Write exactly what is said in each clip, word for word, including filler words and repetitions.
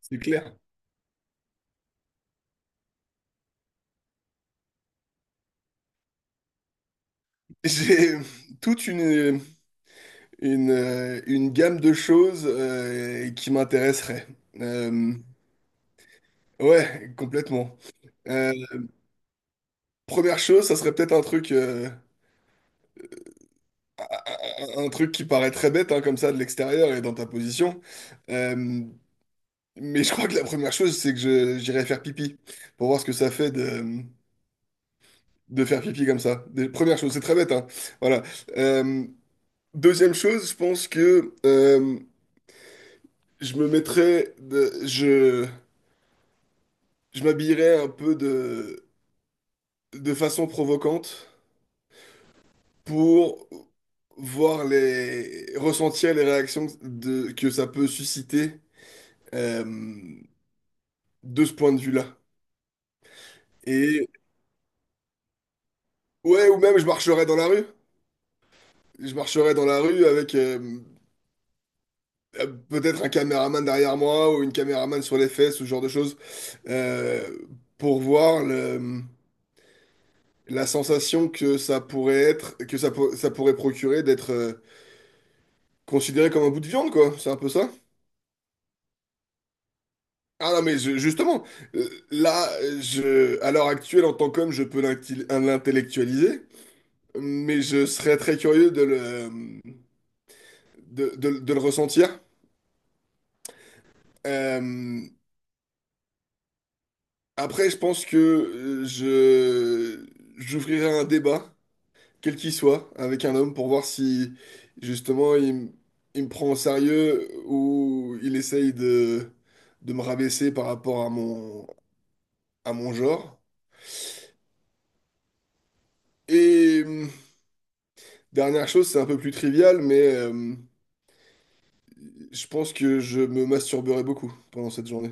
C'est clair. J'ai toute une, une, euh, une gamme de choses euh, qui m'intéresseraient. Euh, ouais, complètement. Euh, Première chose, ça serait peut-être un truc, euh, un un truc qui paraît très bête hein, comme ça de l'extérieur et dans ta position. Euh, mais je crois que la première chose, c'est que je, j'irai faire pipi pour voir ce que ça fait de, de faire pipi comme ça. Des- Première chose, c'est très bête, hein. Voilà. Euh, Deuxième chose, je pense que... euh, Je me mettrais de- je, je m'habillerais un peu de, de façon provocante pour voir les, ressentir les réactions de, que ça peut susciter euh, de ce point de vue-là. Et ouais, ou même je marcherais dans la rue. Je marcherais dans la rue avec euh, euh, peut-être un caméraman derrière moi ou une caméraman sur les fesses, ce genre de choses, euh, pour voir le, la sensation que ça pourrait être, que ça, pour- ça pourrait procurer d'être euh, considéré comme un bout de viande, quoi. C'est un peu ça. Ah non, mais je- justement, euh, là, je, à l'heure actuelle, en tant qu'homme, je peux l'inti- l'intellectualiser, mais je serais très curieux de le, de, de- de le ressentir. Euh, après, je pense que euh, je, j'ouvrirai un débat quel qu'il soit, avec un homme pour voir si justement il, m- il me prend au sérieux ou il essaye de, de me rabaisser par rapport à mon, à mon, genre. Et hum, dernière chose, c'est un peu plus trivial, mais euh, je pense que je me masturberai beaucoup pendant cette journée.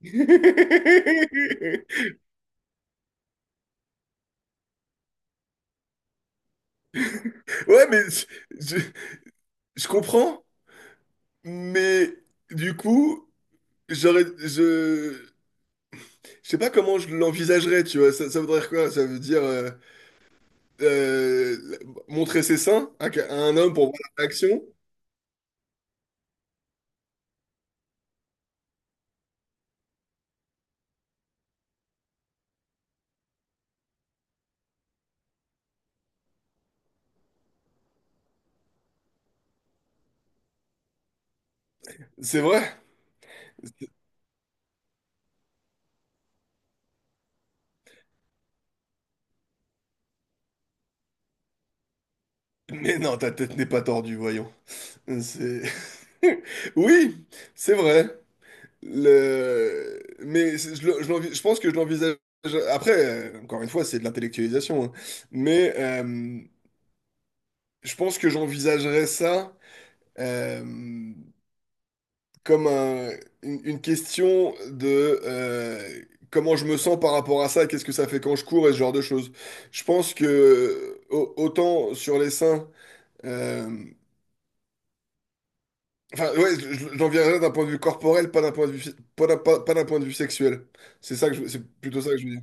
Ouais, mais je, je- je comprends, mais du coup, j'aurais, je, je sais pas comment je l'envisagerais, tu vois. Ça, ça voudrait dire quoi? Ça veut dire. euh, euh, montrer ses seins à à un homme pour voir la réaction. C'est vrai. Mais non, ta tête n'est pas tordue, voyons. C'est... Oui, c'est vrai. Le... Mais c'est- je, le- je l'envi- je pense que je l'envisage... Après, euh, encore une fois, c'est de l'intellectualisation. hein. Mais euh, je pense que j'envisagerais ça... euh, comme un- une, une question de euh, comment je me sens par rapport à ça, qu'est-ce que ça fait quand je cours et ce genre de choses. Je pense que au- autant sur les seins, euh, enfin ouais, je- j'en viendrai d'un point de vue corporel, pas d'un point de vue, fi- pas d'un pas- pas d'un point de vue sexuel. C'est ça que je- c'est plutôt ça que je veux dire.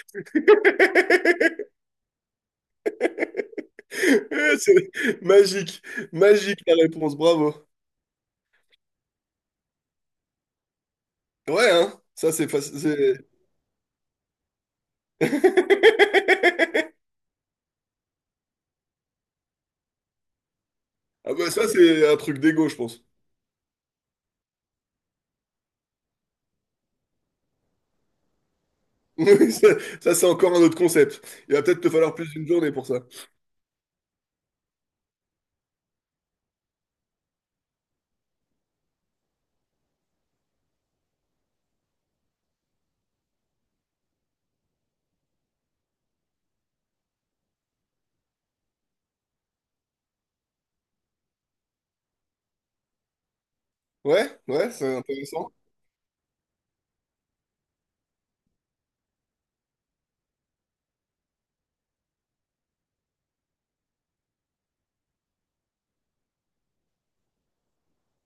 C'est magique, magique la réponse, bravo. Ouais, hein, ça c'est facile. Ah bah ça c'est un truc d'ego, je pense. Oui, ça, ça, c'est encore un autre concept. Il va peut-être te falloir plus d'une journée pour ça. Ouais, ouais, c'est intéressant.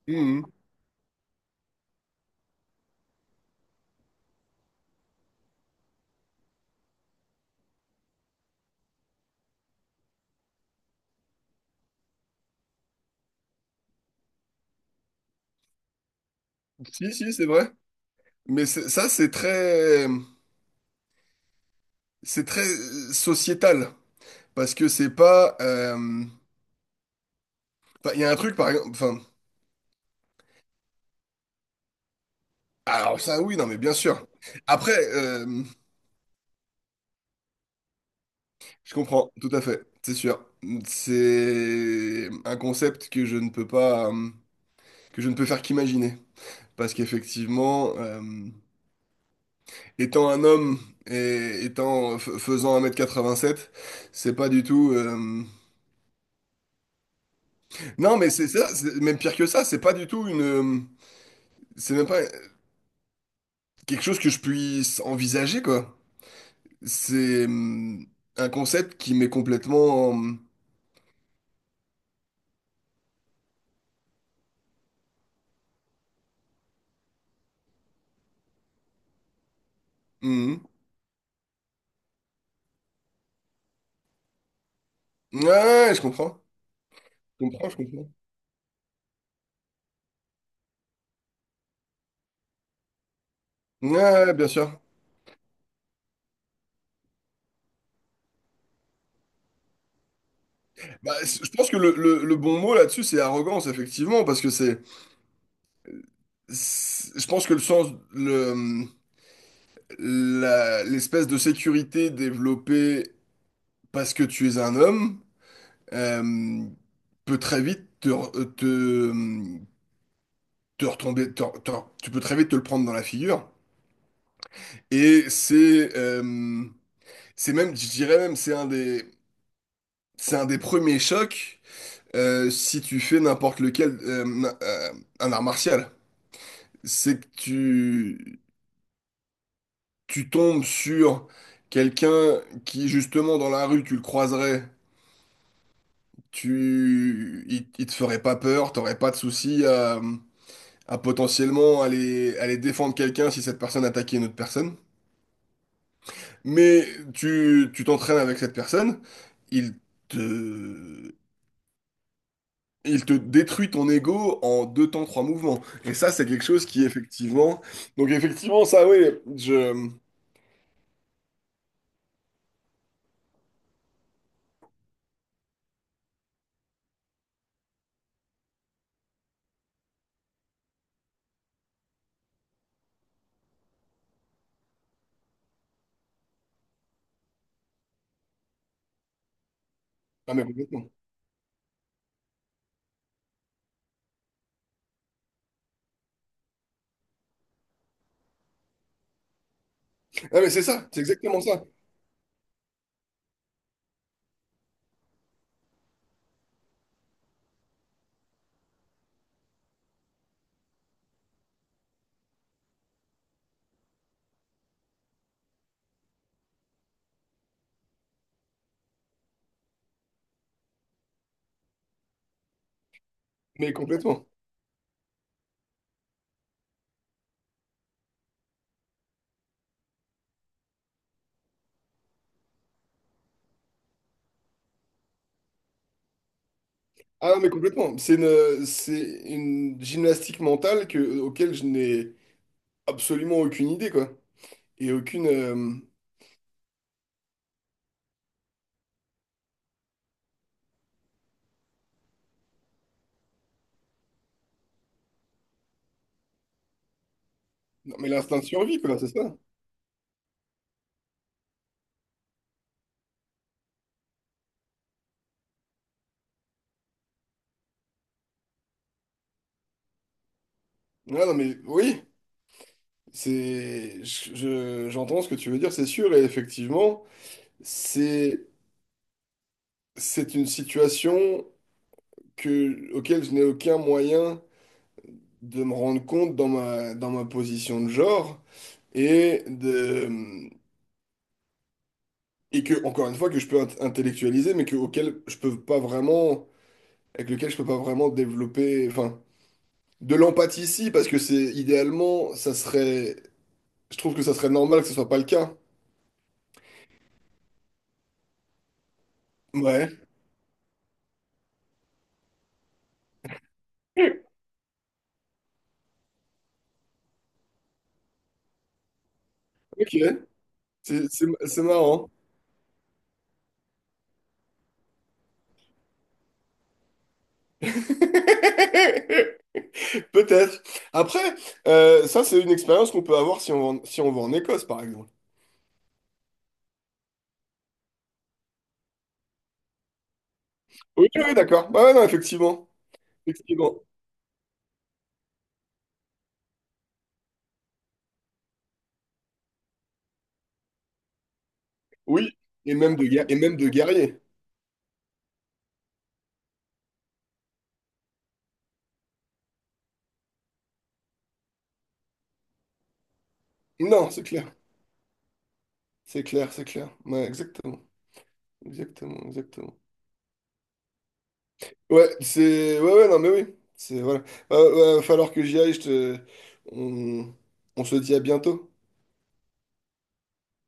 Mhm. Si, si, c'est vrai. Mais c'est- ça, c'est très, c'est très euh, sociétal. Parce que c'est pas. euh, Enfin, il y a un truc, par exemple. Enfin, alors, ça, oui, non, mais bien sûr. Après, euh, je comprends, tout à fait, c'est sûr. C'est un concept que je ne peux pas. Euh, que je ne peux faire qu'imaginer. Parce qu'effectivement. euh, Étant un homme et étant f- faisant un mètre quatre-vingt-sept, c'est pas du tout. euh, Non, mais c'est ça, c'est même pire que ça, c'est pas du tout une. euh, C'est même pas quelque chose que je puisse envisager, quoi. C'est euh, un concept qui m'est complètement. Mhm. Ouais, ouais, je comprends. Je comprends, je comprends. Ouais, ouais, bien sûr. Bah, c- je pense que le, le- le bon mot là-dessus, c'est arrogance, effectivement, parce que c'est. c'est- Je pense que le sens. la- l'espèce de sécurité développée parce que tu es un homme euh, peut très vite te, re- te, te retomber. Te- te- tu peux très vite te le prendre dans la figure. Et c'est euh, c'est même, je dirais même, c'est un des, c'est un des premiers chocs euh, si tu fais n'importe lequel, euh, na- euh, un art martial. C'est que tu, tu tombes sur quelqu'un qui, justement, dans la rue, tu le croiserais. tu, il, il te ferait pas peur, t'aurais pas de souci à, à potentiellement aller, aller défendre quelqu'un si cette personne attaquait une autre personne. Mais tu, tu t'entraînes avec cette personne, il te, il te détruit ton ego en deux temps, trois mouvements. Et ça, c'est quelque chose qui, effectivement... Donc, effectivement, ça, oui, je... Ah, mais complètement. Ah, mais c'est ça, c'est exactement ça. Mais complètement. Ah, mais complètement. C'est une, c'est une gymnastique mentale que, auquel je n'ai absolument aucune idée, quoi. Et aucune... euh, Non, mais l'instinct de survie, quoi, c'est ça. Ah, non, mais oui, c'est... je- je- j'entends ce que tu veux dire, c'est sûr, et effectivement, c'est c'est une situation que... auquel je n'ai aucun moyen de me rendre compte dans ma, dans ma position de genre, et de... Et que, encore une fois, que je peux int- intellectualiser, mais que, auquel je peux pas vraiment. Avec lequel je peux pas vraiment développer. Enfin, de l'empathie, si, parce que c'est idéalement, ça serait. Je trouve que ça serait normal que ce soit pas le cas. Ouais. Ok. C'est c'est- c'est marrant. Peut-être. Après, euh, ça, c'est une expérience qu'on peut avoir si on va en, si on va en Écosse, par exemple. Oui, oui, d'accord. Ouais, ouais, non, effectivement. Effectivement. Oui. Et même de, guer- et même de guerrier. Non, c'est clair. C'est clair, c'est clair. Ouais, exactement. Exactement, exactement. Ouais, c'est. Ouais, ouais, non, mais oui. C'est. Voilà. Euh, ouais, va falloir que j'y aille. Je te... on... on se dit à bientôt.